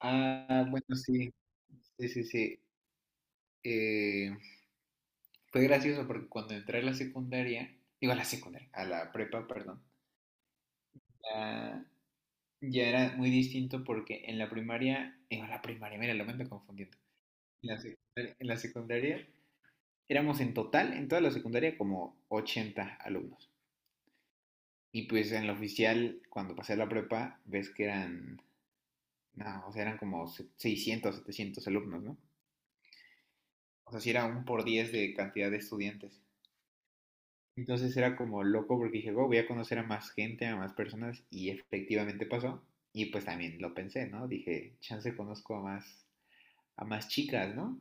Ah, bueno, sí, sí, sí, sí. Eh, Fue gracioso porque cuando entré a la secundaria, digo a la secundaria, a la prepa, perdón, la- ya era muy distinto porque en la primaria, digo, la primaria, mira, lo me ando confundiendo. En la secundaria éramos en total, en toda la secundaria, como 80 alumnos. Y pues en la oficial, cuando pasé a la prepa, ves que eran, no, o sea, eran como 600, 700 alumnos, ¿no? O sea, sí era un por 10 de cantidad de estudiantes. Entonces era como loco porque dije, "Wow, voy a conocer a más gente, a más personas", y efectivamente pasó. Y pues también lo pensé, ¿no? Dije, chance conozco a más chicas, ¿no?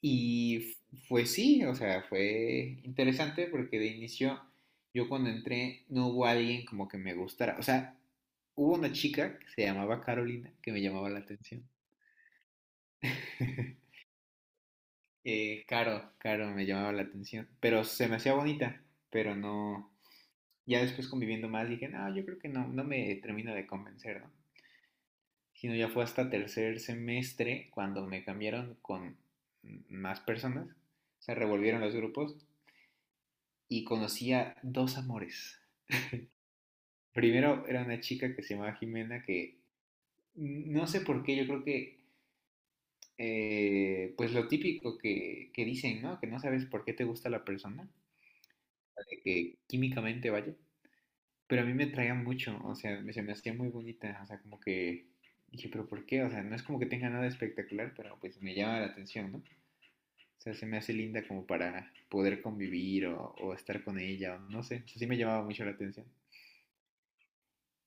Y fue sí, o sea, fue interesante porque de inicio yo cuando entré no hubo alguien como que me gustara. O sea, hubo una chica que se llamaba Carolina que me llamaba la atención. Caro me llamaba la atención, pero se me hacía bonita, pero no. Ya después conviviendo más dije, no, yo creo que no, no me termina de convencer, ¿no? Sino ya fue hasta tercer semestre cuando me cambiaron con más personas, se revolvieron los grupos y conocí a dos amores. Primero era una chica que se llamaba Jimena que no sé por qué, yo creo que pues lo típico que dicen, ¿no? Que no sabes por qué te gusta la persona, que químicamente vaya. Pero a mí me traía mucho, o sea, se me hacía muy bonita, o sea, como que dije, pero ¿por qué? O sea, no es como que tenga nada espectacular, pero pues me llama la atención, ¿no? O sea, se me hace linda como para poder convivir o estar con ella, o no sé, o sea, sí me llamaba mucho la atención.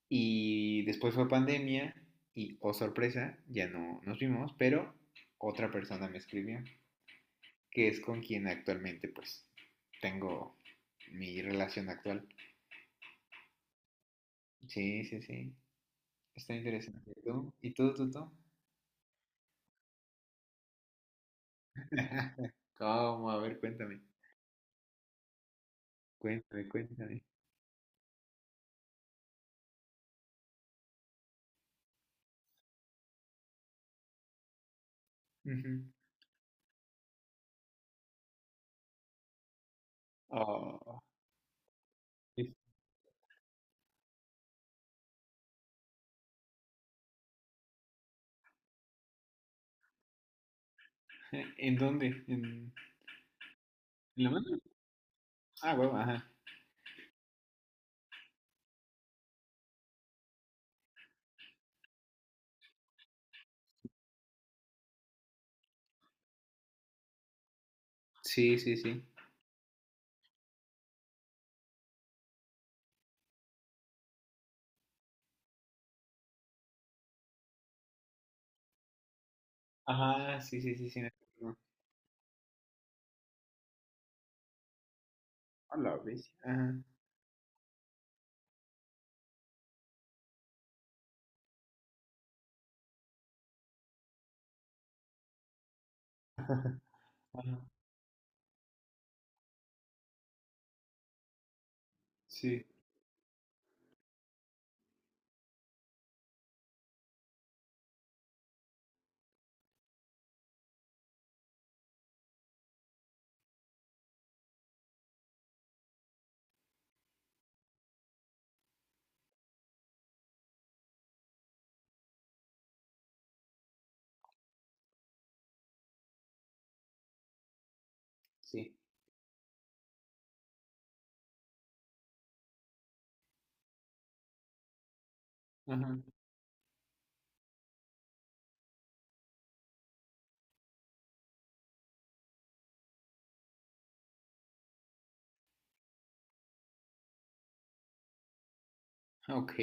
Y después fue pandemia y, oh sorpresa, ya no nos vimos, pero otra persona me escribió, que es con quien actualmente pues tengo mi relación actual. Sí, sí, sí, está interesante. ¿Y tú? ¿Y tú? ¿Cómo? A ver, cuéntame. Cuéntame, cuéntame. Ujú. Oh, es- ¿En dónde? ¿En la mano? Ah, huevo, ajá. Sí, sí, sí. Ajá, sí, sí, sí, sí, me acuerdo. A la bestia. Ajá. Ajá. Sí, sí. Ajá. Ok.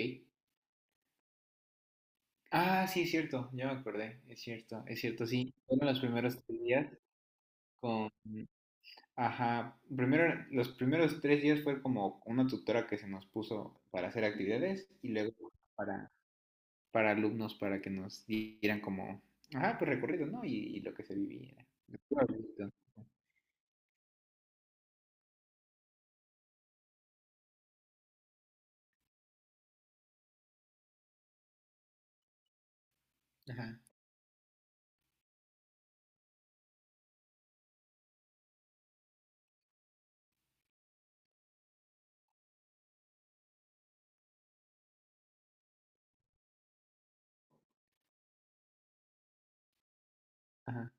Ah, sí, es cierto. Ya me acordé. Es cierto, sí. Fueron los primeros 3 días con... Ajá. Primero, los primeros 3 días fue como una tutora que se nos puso para hacer actividades y luego... para alumnos para que nos dieran como, ajá, pues recorrido, ¿no? Y lo que se vivía. Ajá, ajá.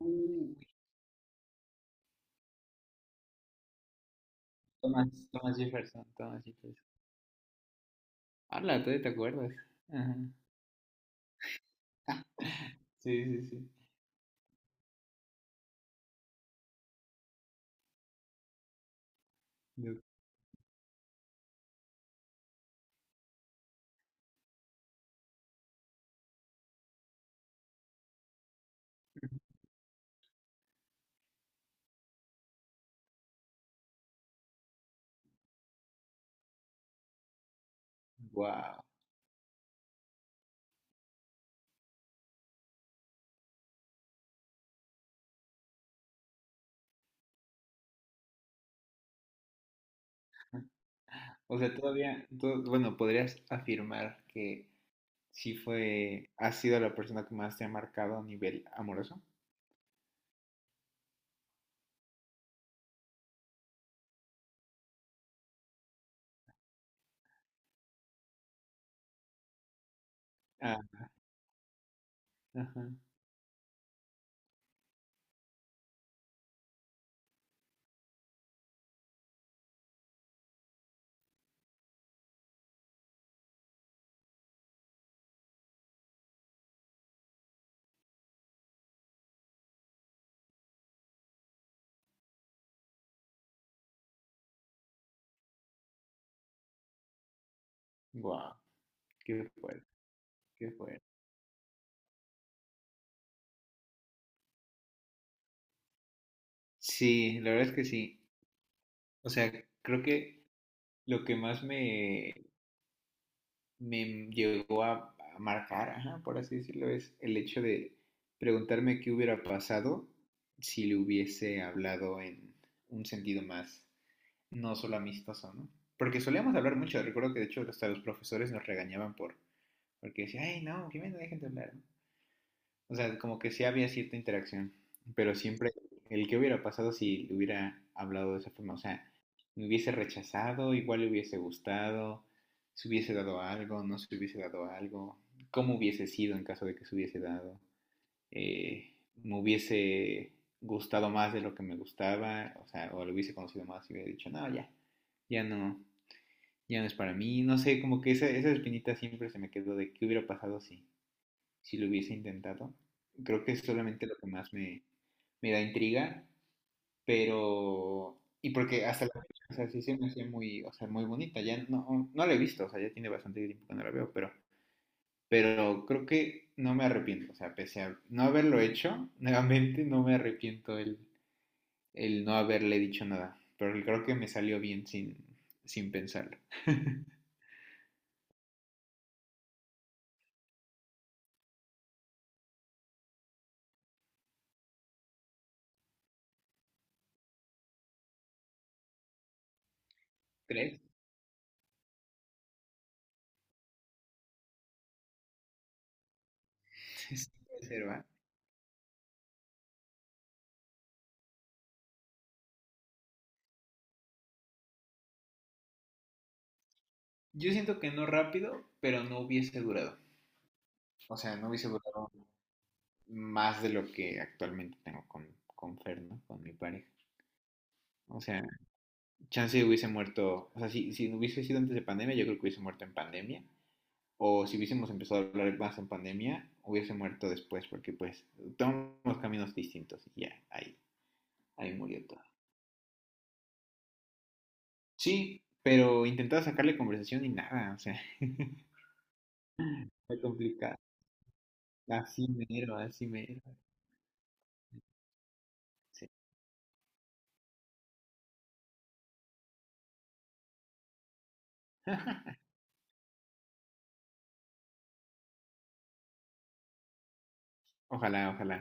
Uy, Thomas Jefferson, Thomas Jefferson. Habla, todavía te acuerdas. Ajá. Sí, sí, sí. Wow. O sea, todavía, bueno, podrías afirmar que sí fue, ha sido la persona que más te ha marcado a nivel amoroso. Ah, ajá. Wow, qué fuerte, qué fuerte. Sí, la verdad es que sí. O sea, creo que lo que más me llegó a marcar, ajá, por así decirlo, es el hecho de preguntarme qué hubiera pasado si le hubiese hablado en un sentido más, no solo amistoso, ¿no? Porque solíamos hablar mucho, recuerdo que de hecho hasta los profesores nos regañaban porque decían, ay, no, que me dejen de hablar, ¿no? O sea, como que sí había cierta interacción, pero siempre el que hubiera pasado si le hubiera hablado de esa forma, o sea, me hubiese rechazado, igual le hubiese gustado, se hubiese dado algo, no se hubiese dado algo, cómo hubiese sido en caso de que se hubiese dado, eh, me hubiese gustado más de lo que me gustaba, o sea, o lo hubiese conocido más y hubiera dicho, no, ya, ya no, ya no es para mí, no sé, como que esa espinita siempre se me quedó de qué hubiera pasado si, lo hubiese intentado. Creo que es solamente lo que más me da intriga, pero... Y porque hasta la fecha, o sea, sí se me hacía muy, o sea, muy bonita. Ya no, no la he visto, o sea, ya tiene bastante tiempo que no la veo, pero creo que no me arrepiento. O sea, pese a no haberlo hecho, nuevamente no me arrepiento el no haberle dicho nada. Pero creo que me salió bien sin pensarlo. ¿Crees? Sí, puede ser, ¿va? Yo siento que no rápido, pero no hubiese durado. O sea, no hubiese durado más de lo que actualmente tengo con Fer, ¿no? Con mi pareja. O sea, chance hubiese muerto, o sea, si no hubiese sido antes de pandemia, yo creo que hubiese muerto en pandemia. O si hubiésemos empezado a hablar más en pandemia, hubiese muerto después, porque pues tomamos caminos distintos y ya, ahí murió todo. Sí, pero intentaba sacarle conversación y nada, o sea, fue complicado. Así mero, así mero. Sí. Ojalá, ojalá